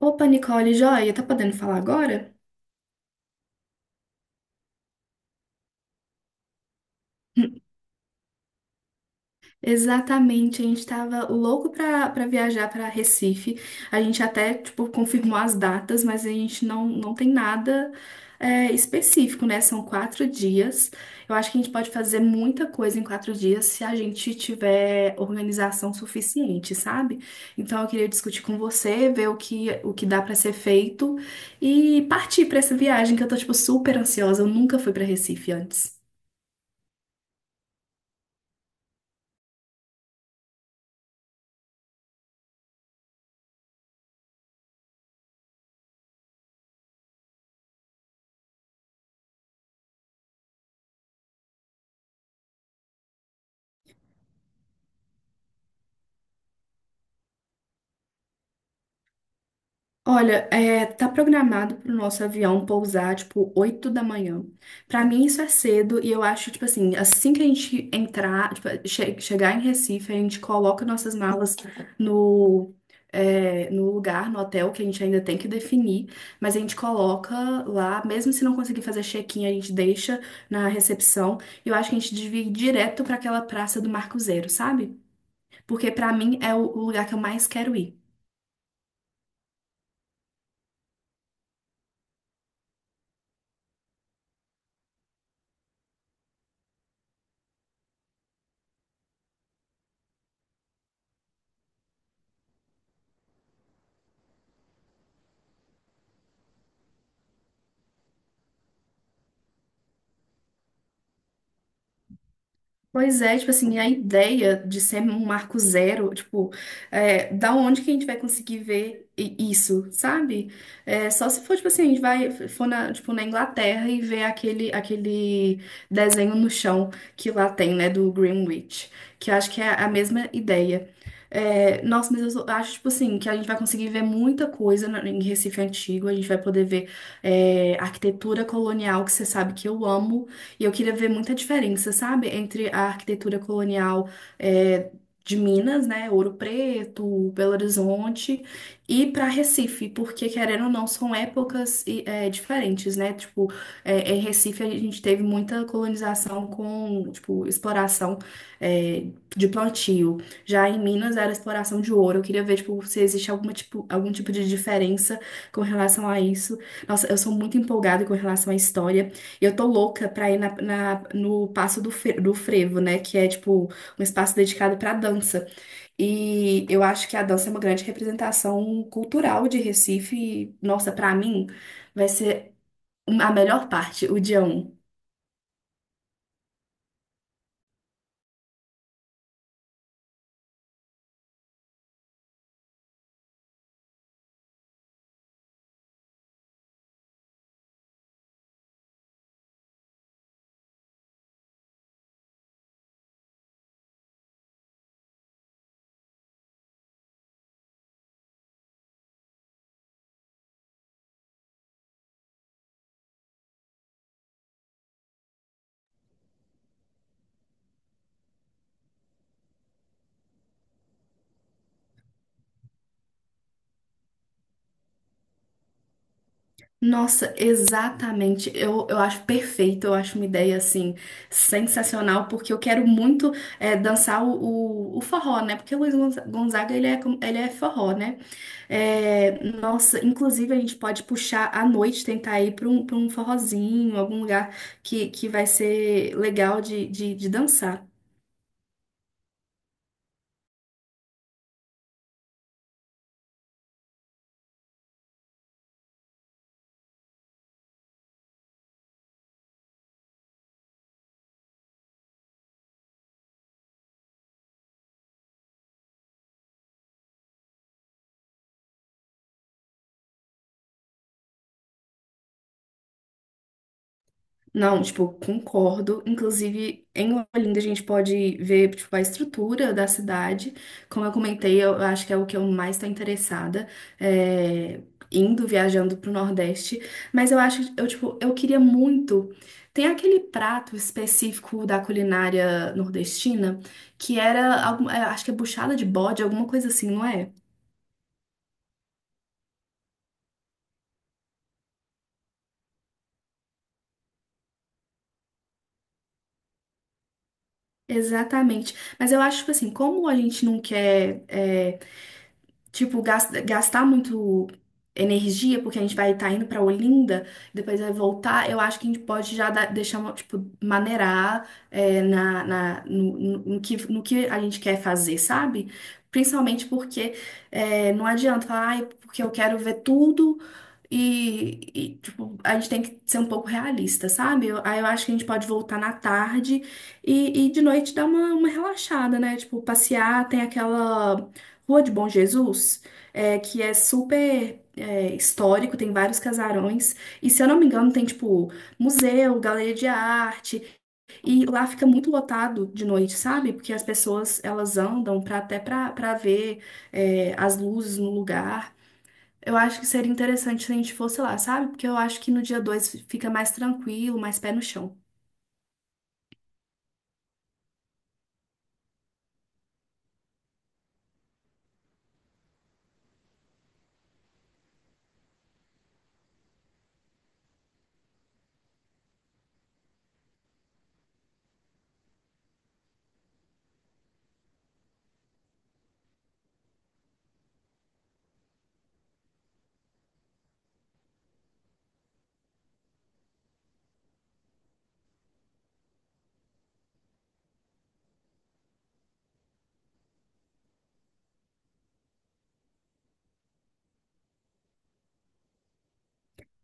Opa, Nicole, joia, tá podendo falar agora? Exatamente, a gente tava louco pra viajar pra Recife. A gente até, tipo, confirmou as datas, mas a gente não tem nada específico, né? São 4 dias. Eu acho que a gente pode fazer muita coisa em 4 dias se a gente tiver organização suficiente, sabe? Então eu queria discutir com você, ver o que dá pra ser feito e partir pra essa viagem que eu tô, tipo, super ansiosa. Eu nunca fui pra Recife antes. Olha, tá programado pro nosso avião pousar, tipo, 8 da manhã. Pra mim isso é cedo e eu acho, tipo assim, assim que a gente entrar, tipo, chegar em Recife, a gente coloca nossas malas no, no lugar, no hotel, que a gente ainda tem que definir, mas a gente coloca lá, mesmo se não conseguir fazer check-in, a gente deixa na recepção. E eu acho que a gente devia ir direto pra aquela praça do Marco Zero, sabe? Porque pra mim é o lugar que eu mais quero ir. Pois é, tipo assim, a ideia de ser um marco zero, tipo, da onde que a gente vai conseguir ver isso, sabe? É, só se for, tipo assim, a gente vai, for na, tipo, na Inglaterra e ver aquele desenho no chão que lá tem, né, do Greenwich, que eu acho que é a mesma ideia. É, nossa, mas eu acho, tipo assim, que a gente vai conseguir ver muita coisa em Recife Antigo, a gente vai poder ver, arquitetura colonial, que você sabe que eu amo, e eu queria ver muita diferença, sabe? Entre a arquitetura colonial, é, de Minas, né? Ouro Preto, Belo Horizonte, e para Recife, porque querendo ou não, são épocas e, diferentes, né? Tipo, em Recife a gente teve muita colonização com, tipo, exploração, é, de plantio. Já em Minas era exploração de ouro. Eu queria ver, tipo, se existe alguma tipo, algum tipo de diferença com relação a isso. Nossa, eu sou muito empolgada com relação à história. Eu tô louca pra ir na, no Passo do Frevo, né? Que é, tipo, um espaço dedicado pra dança. E eu acho que a dança é uma grande representação cultural de Recife. E, nossa, pra mim, vai ser a melhor parte, o dia 1. Nossa, exatamente. Eu acho perfeito, eu acho uma ideia assim sensacional, porque eu quero muito dançar o forró, né? Porque o Luiz Gonzaga ele é forró, né? É, nossa, inclusive a gente pode puxar à noite, tentar ir para um forrozinho, algum lugar que vai ser legal de dançar. Não, tipo, concordo. Inclusive, em Olinda a gente pode ver, tipo, a estrutura da cidade. Como eu comentei, eu acho que é o que eu mais estou interessada, é, indo, viajando pro Nordeste. Mas eu acho, tipo, eu queria muito. Tem aquele prato específico da culinária nordestina, que era, acho que é buchada de bode, alguma coisa assim, não é? Exatamente. Mas eu acho, tipo assim, como a gente não quer. Tipo, gastar muito energia, porque a gente vai estar indo pra Olinda, depois vai voltar, eu acho que a gente pode já deixar, uma, tipo, maneirar no que a gente quer fazer, sabe? Principalmente porque não adianta falar, ai, porque eu quero ver tudo. E, tipo, a gente tem que ser um pouco realista, sabe? Aí eu acho que a gente pode voltar na tarde e de noite dar uma relaxada, né? Tipo, passear, tem aquela Rua de Bom Jesus, que é super histórico, tem vários casarões, e se eu não me engano, tem tipo museu, galeria de arte, e lá fica muito lotado de noite, sabe? Porque as pessoas elas andam até pra ver as luzes no lugar. Eu acho que seria interessante se a gente fosse lá, sabe? Porque eu acho que no dia 2 fica mais tranquilo, mais pé no chão.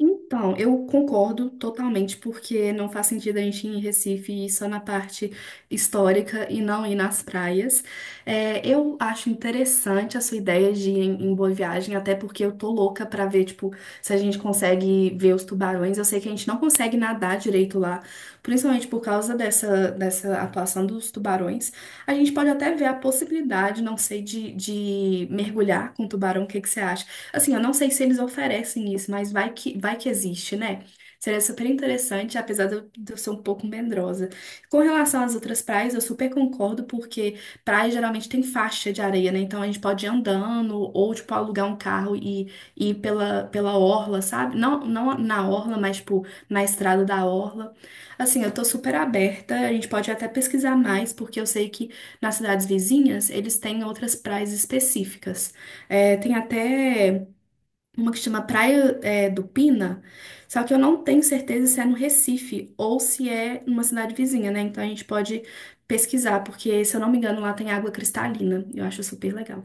Então, eu concordo totalmente, porque não faz sentido a gente ir em Recife e ir só na parte histórica e não ir nas praias. É, eu acho interessante a sua ideia de ir em Boa Viagem, até porque eu tô louca pra ver, tipo, se a gente consegue ver os tubarões. Eu sei que a gente não consegue nadar direito lá, principalmente por causa dessa atuação dos tubarões. A gente pode até ver a possibilidade, não sei, de mergulhar com tubarão. O que que você acha? Assim, eu não sei se eles oferecem isso, mas vai que existe, né? Seria super interessante, apesar de eu ser um pouco medrosa. Com relação às outras praias, eu super concordo, porque praia geralmente tem faixa de areia, né? Então a gente pode ir andando ou, tipo, alugar um carro e ir pela orla, sabe? Não, não na orla, mas, tipo, na estrada da orla. Assim, eu tô super aberta, a gente pode até pesquisar mais, porque eu sei que nas cidades vizinhas eles têm outras praias específicas. É, tem até uma que chama Praia, do Pina, só que eu não tenho certeza se é no Recife ou se é numa cidade vizinha, né? Então a gente pode pesquisar, porque se eu não me engano lá tem água cristalina. Eu acho super legal.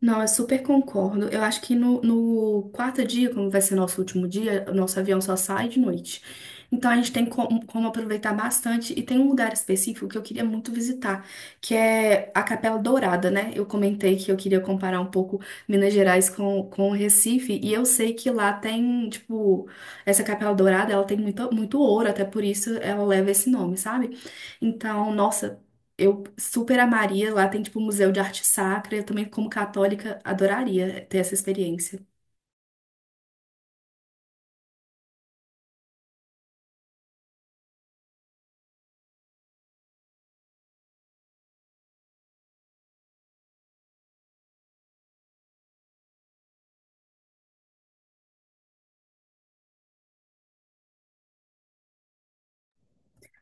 Não, eu super concordo. Eu acho que no quarto dia, como vai ser nosso último dia, o nosso avião só sai de noite. Então a gente tem como aproveitar bastante. E tem um lugar específico que eu queria muito visitar, que é a Capela Dourada, né? Eu comentei que eu queria comparar um pouco Minas Gerais com Recife. E eu sei que lá tem, tipo, essa Capela Dourada, ela tem muito, muito ouro, até por isso ela leva esse nome, sabe? Então, nossa. Eu super amaria. Lá tem, tipo, museu de arte sacra. Eu também, como católica, adoraria ter essa experiência.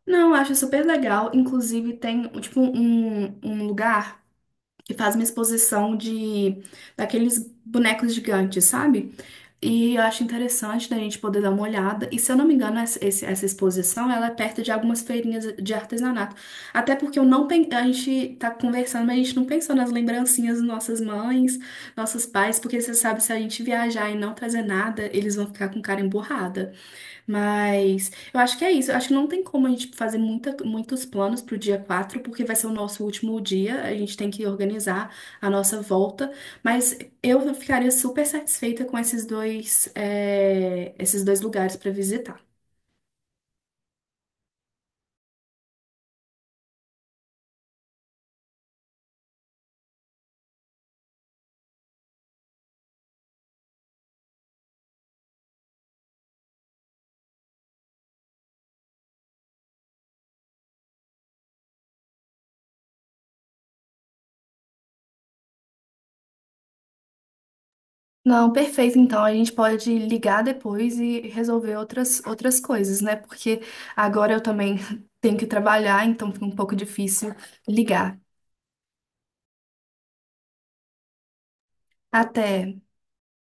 Não, eu acho super legal. Inclusive, tem, tipo, um lugar que faz uma exposição de daqueles bonecos gigantes, sabe? E eu acho interessante da gente poder dar uma olhada. E se eu não me engano, essa exposição ela é perto de algumas feirinhas de artesanato. Até porque eu não pen- a gente tá conversando, mas a gente não pensou nas lembrancinhas das nossas mães, nossos pais, porque você sabe, se a gente viajar e não trazer nada, eles vão ficar com cara emburrada. Mas eu acho que é isso. Eu acho que não tem como a gente fazer muitos planos pro dia 4 porque vai ser o nosso último dia. A gente tem que organizar a nossa volta. Mas eu ficaria super satisfeita com esses dois lugares para visitar. Não, perfeito. Então a gente pode ligar depois e resolver outras coisas, né? Porque agora eu também tenho que trabalhar, então fica um pouco difícil ligar. Até.